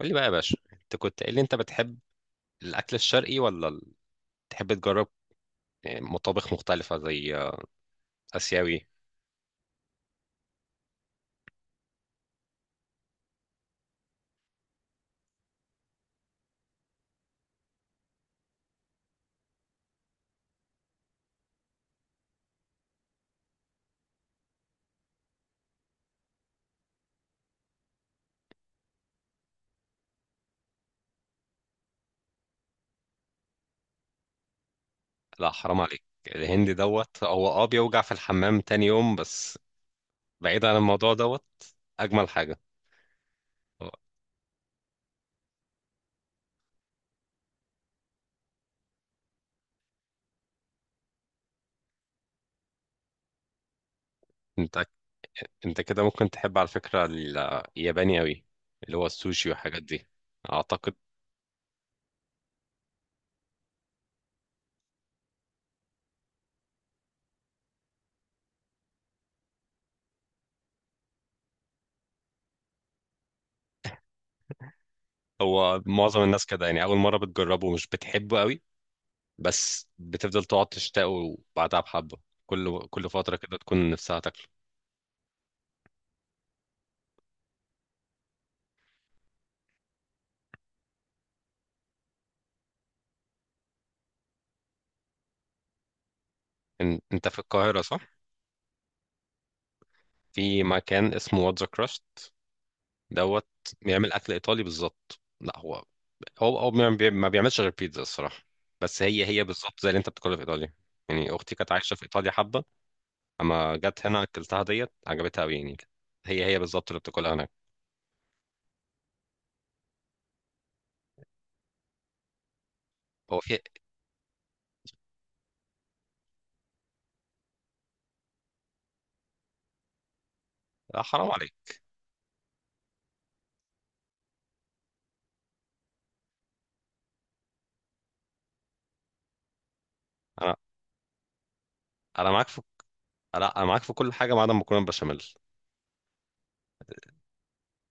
قول لي بقى يا باشا، انت كنت قايل لي انت بتحب الاكل الشرقي ولا تحب تجرب يعني مطابخ مختلفه زي اسيوي. لا، حرام عليك الهندي دوت. هو بيوجع في الحمام تاني يوم بس. بعيد عن الموضوع دوت، اجمل حاجه. هو انت انت كده ممكن تحب على فكره الياباني قوي، اللي هو السوشي والحاجات دي، اعتقد. هو معظم الناس كده، يعني اول مره بتجربه مش بتحبه قوي، بس بتفضل تقعد تشتاقه بعدها بحبه. كل فتره كده تكون نفسها. انت في القاهرة صح؟ في مكان اسمه واتزا كراست دوت، بيعمل اكل ايطالي بالظبط. لا هو ما بيعملش غير بيتزا الصراحة. بس هي بالظبط زي اللي انت بتاكلها في ايطاليا. يعني اختي كانت عايشة في ايطاليا حبة، اما جت هنا اكلتها ديت عجبتها قوي يعني. هي بالظبط اللي بتاكلها هناك. هو في، لا، حرام عليك. انا انا معاك في، لا، انا معاك في كل حاجة ما عدا المكرونة بشاميل.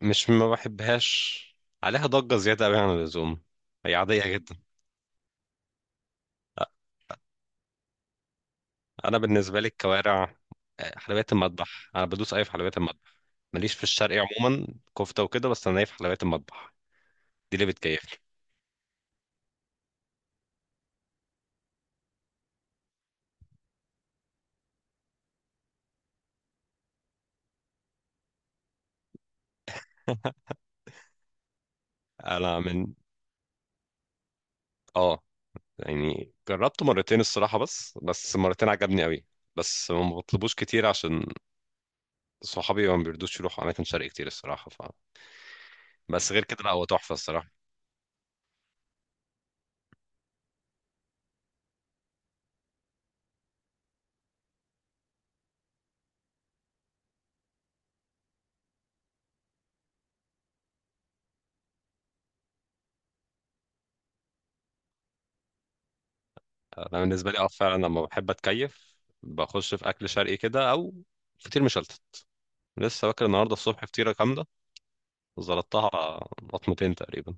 مش ما بحبهاش، عليها ضجة زيادة قوي عن اللزوم، هي عادية جدا. انا بالنسبه لي الكوارع، حلويات المطبخ انا بدوس اي في حلويات المطبخ. ماليش في الشرقي عموما، كفته وكده، بس انا ايه في حلويات المطبخ دي اللي بتكيفني. انا من اه يعني جربته مرتين الصراحه، بس مرتين عجبني قوي. بس ما بطلبوش كتير عشان صحابي ما بيرضوش يروحوا اماكن شرقي كتير الصراحه بس غير كده لا هو تحفه الصراحه. انا بالنسبه لي فعلا لما بحب اتكيف بخش في اكل شرقي كده او فطير مشلتت. لسه واكل النهارده الصبح فطيره كامله، زلطتها لطمتين تقريبا.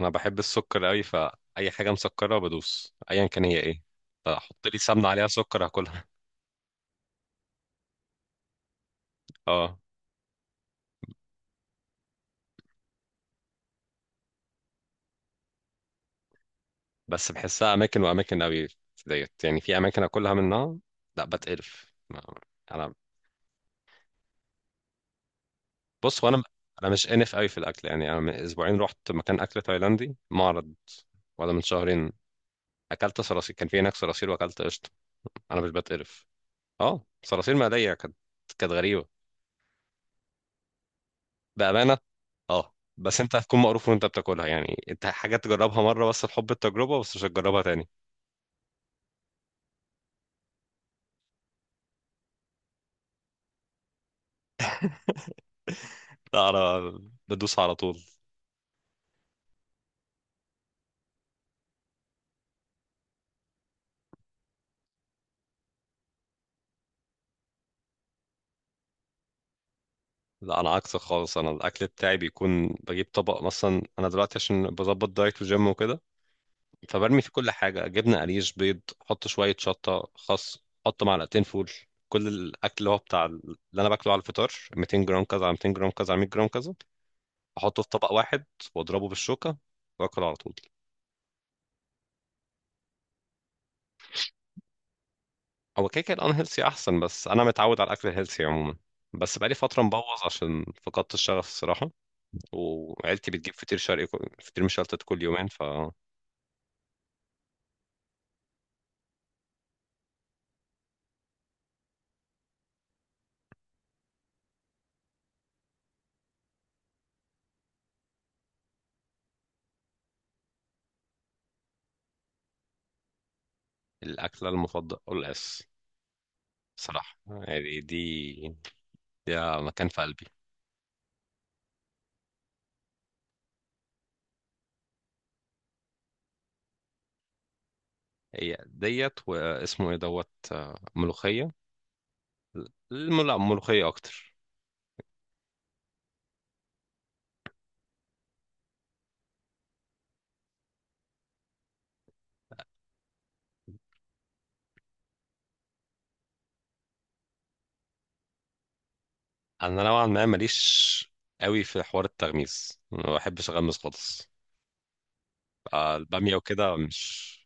انا بحب السكر قوي، فاي حاجه مسكره بدوس ايا كان هي ايه، فحط لي سمنه عليها سكر هاكلها. اه، بس بحسها اماكن واماكن قوي. في ديت يعني في اماكن اكلها منها لا بتقرف انا بص، وانا مش انف قوي في الاكل. يعني انا من اسبوعين رحت مكان اكل تايلاندي معرض، ولا من شهرين، اكلت صراصير. كان في هناك صراصير واكلت قشطه، انا مش بتقرف. اه، صراصير مقليه كانت غريبه. بأمانة. اه، بس انت هتكون مقروف وانت بتاكلها، يعني انت حاجة تجربها مرة بس لحب التجربة، بس مش هتجربها تاني. لا انا بدوس على طول. لا انا عكسك خالص، انا الاكل بتاعي بيكون بجيب طبق مثلا. انا دلوقتي عشان بظبط دايت وجيم وكده، فبرمي فيه كل حاجة، جبنة قريش بيض، حط شوية شطة خس، حط معلقتين فول، كل الاكل اللي هو بتاع اللي انا باكله على الفطار، 200 جرام كذا على 200 جرام كذا على 100 جرام كذا. احطه في طبق واحد واضربه بالشوكة واكل على طول. هو كده كده الانهيلثي احسن، بس انا متعود على الاكل الهيلثي عموما، بس بقالي فتره مبوظ عشان فقدت الشغف الصراحه، وعيلتي بتجيب فطير شرقي فطير مشلتت كل يومين. فالاكله المفضله قلقاس صراحه يعني، دي مكان في قلبي. هي ديت واسمه ايه دوت، ملوخيه. لا ملوخيه اكتر. انا نوعا ما ماليش قوي في حوار التغميس، ما بحبش اغمس خالص. آه، الباميه وكده مش.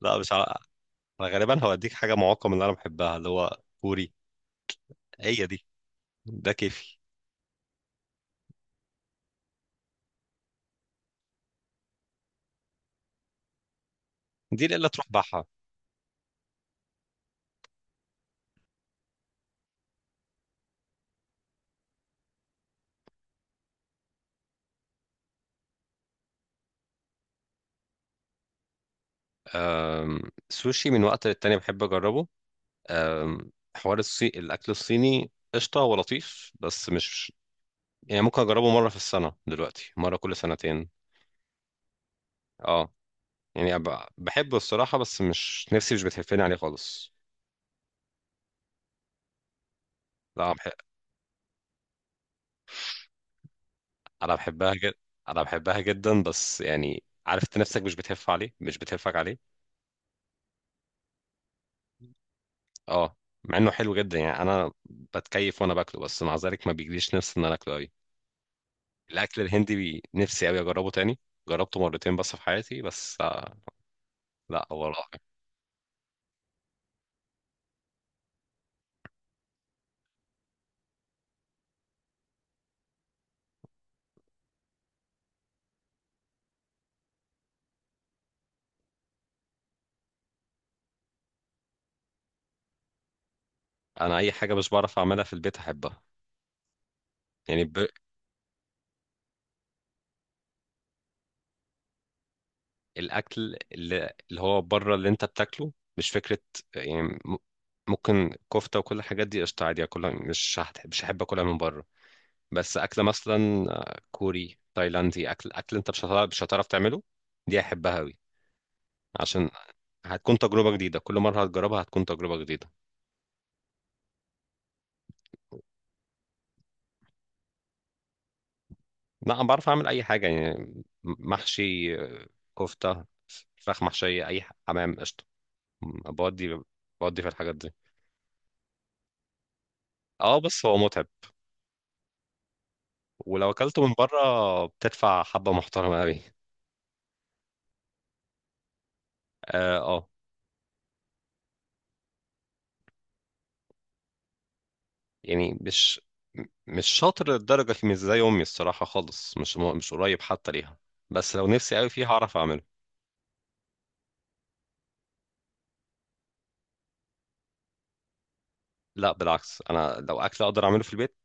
لا مش عارف، انا غالبا هوديك حاجه معقمه من اللي انا بحبها اللي هو كوري. هي دي، ده كيفي، دي الا تروح بحة. أم، سوشي من وقت للتاني بحب اجربه. حوار الاكل الصيني قشطه ولطيف، بس مش. يعني ممكن اجربه مره في السنه، دلوقتي مره كل سنتين. اه، يعني بحبه الصراحه، بس مش نفسي مش بتهفني عليه خالص. لا، أنا بحب. انا بحبها جدا، انا بحبها جدا، بس يعني عارف انت نفسك مش بتهف عليه، مش بتهفك عليه. اه، مع انه حلو جدا، يعني انا بتكيف وانا باكله، بس مع ذلك ما بيجيليش نفس ان انا اكله قوي. الاكل الهندي نفسي قوي اجربه تاني. جربته مرتين بس في حياتي، بس آه، لا هو رائع. انا اي حاجه مش بعرف اعملها في البيت احبها، يعني الاكل اللي هو بره اللي انت بتاكله مش فكره. يعني ممكن كفته وكل الحاجات دي قشطه عادي اكلها، مش هحب اكلها من بره. بس اكله مثلا كوري تايلاندي، اكل انت مش هتعرف تعمله. دي احبها قوي عشان هتكون تجربة جديدة، كل مرة هتجربها هتكون تجربة جديدة. لا أنا بعرف أعمل أي حاجة، يعني محشي، كفتة، فراخ محشية، أي حمام قشطة، بودي بودي في الحاجات دي. اه بس هو متعب، ولو أكلته من بره بتدفع حبة محترمة أوي. اه آه. يعني مش شاطر للدرجة في، مش زي أمي الصراحة خالص، مش قريب حتى ليها، بس لو نفسي أوي فيها هعرف أعمله. لا بالعكس، أنا لو أكل أقدر أعمله في البيت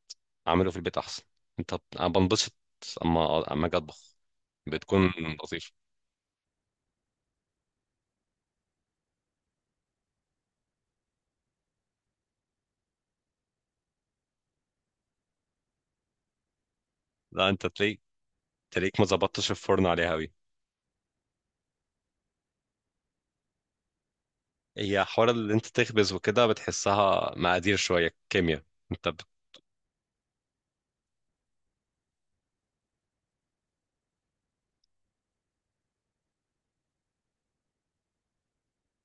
اعمله في البيت احسن. انا بنبسط اما اجي اطبخ بتكون لطيفه. لا انت تلاقيك ما ظبطتش الفرن عليها قوي. هي حوار اللي انت تخبز وكده، بتحسها مقادير شويه كيمياء. انت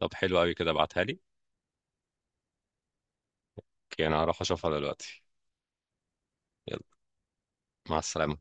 طب حلو قوي كده ابعتها لي. اوكي انا هروح اشوفها دلوقتي. يلا مع السلامه.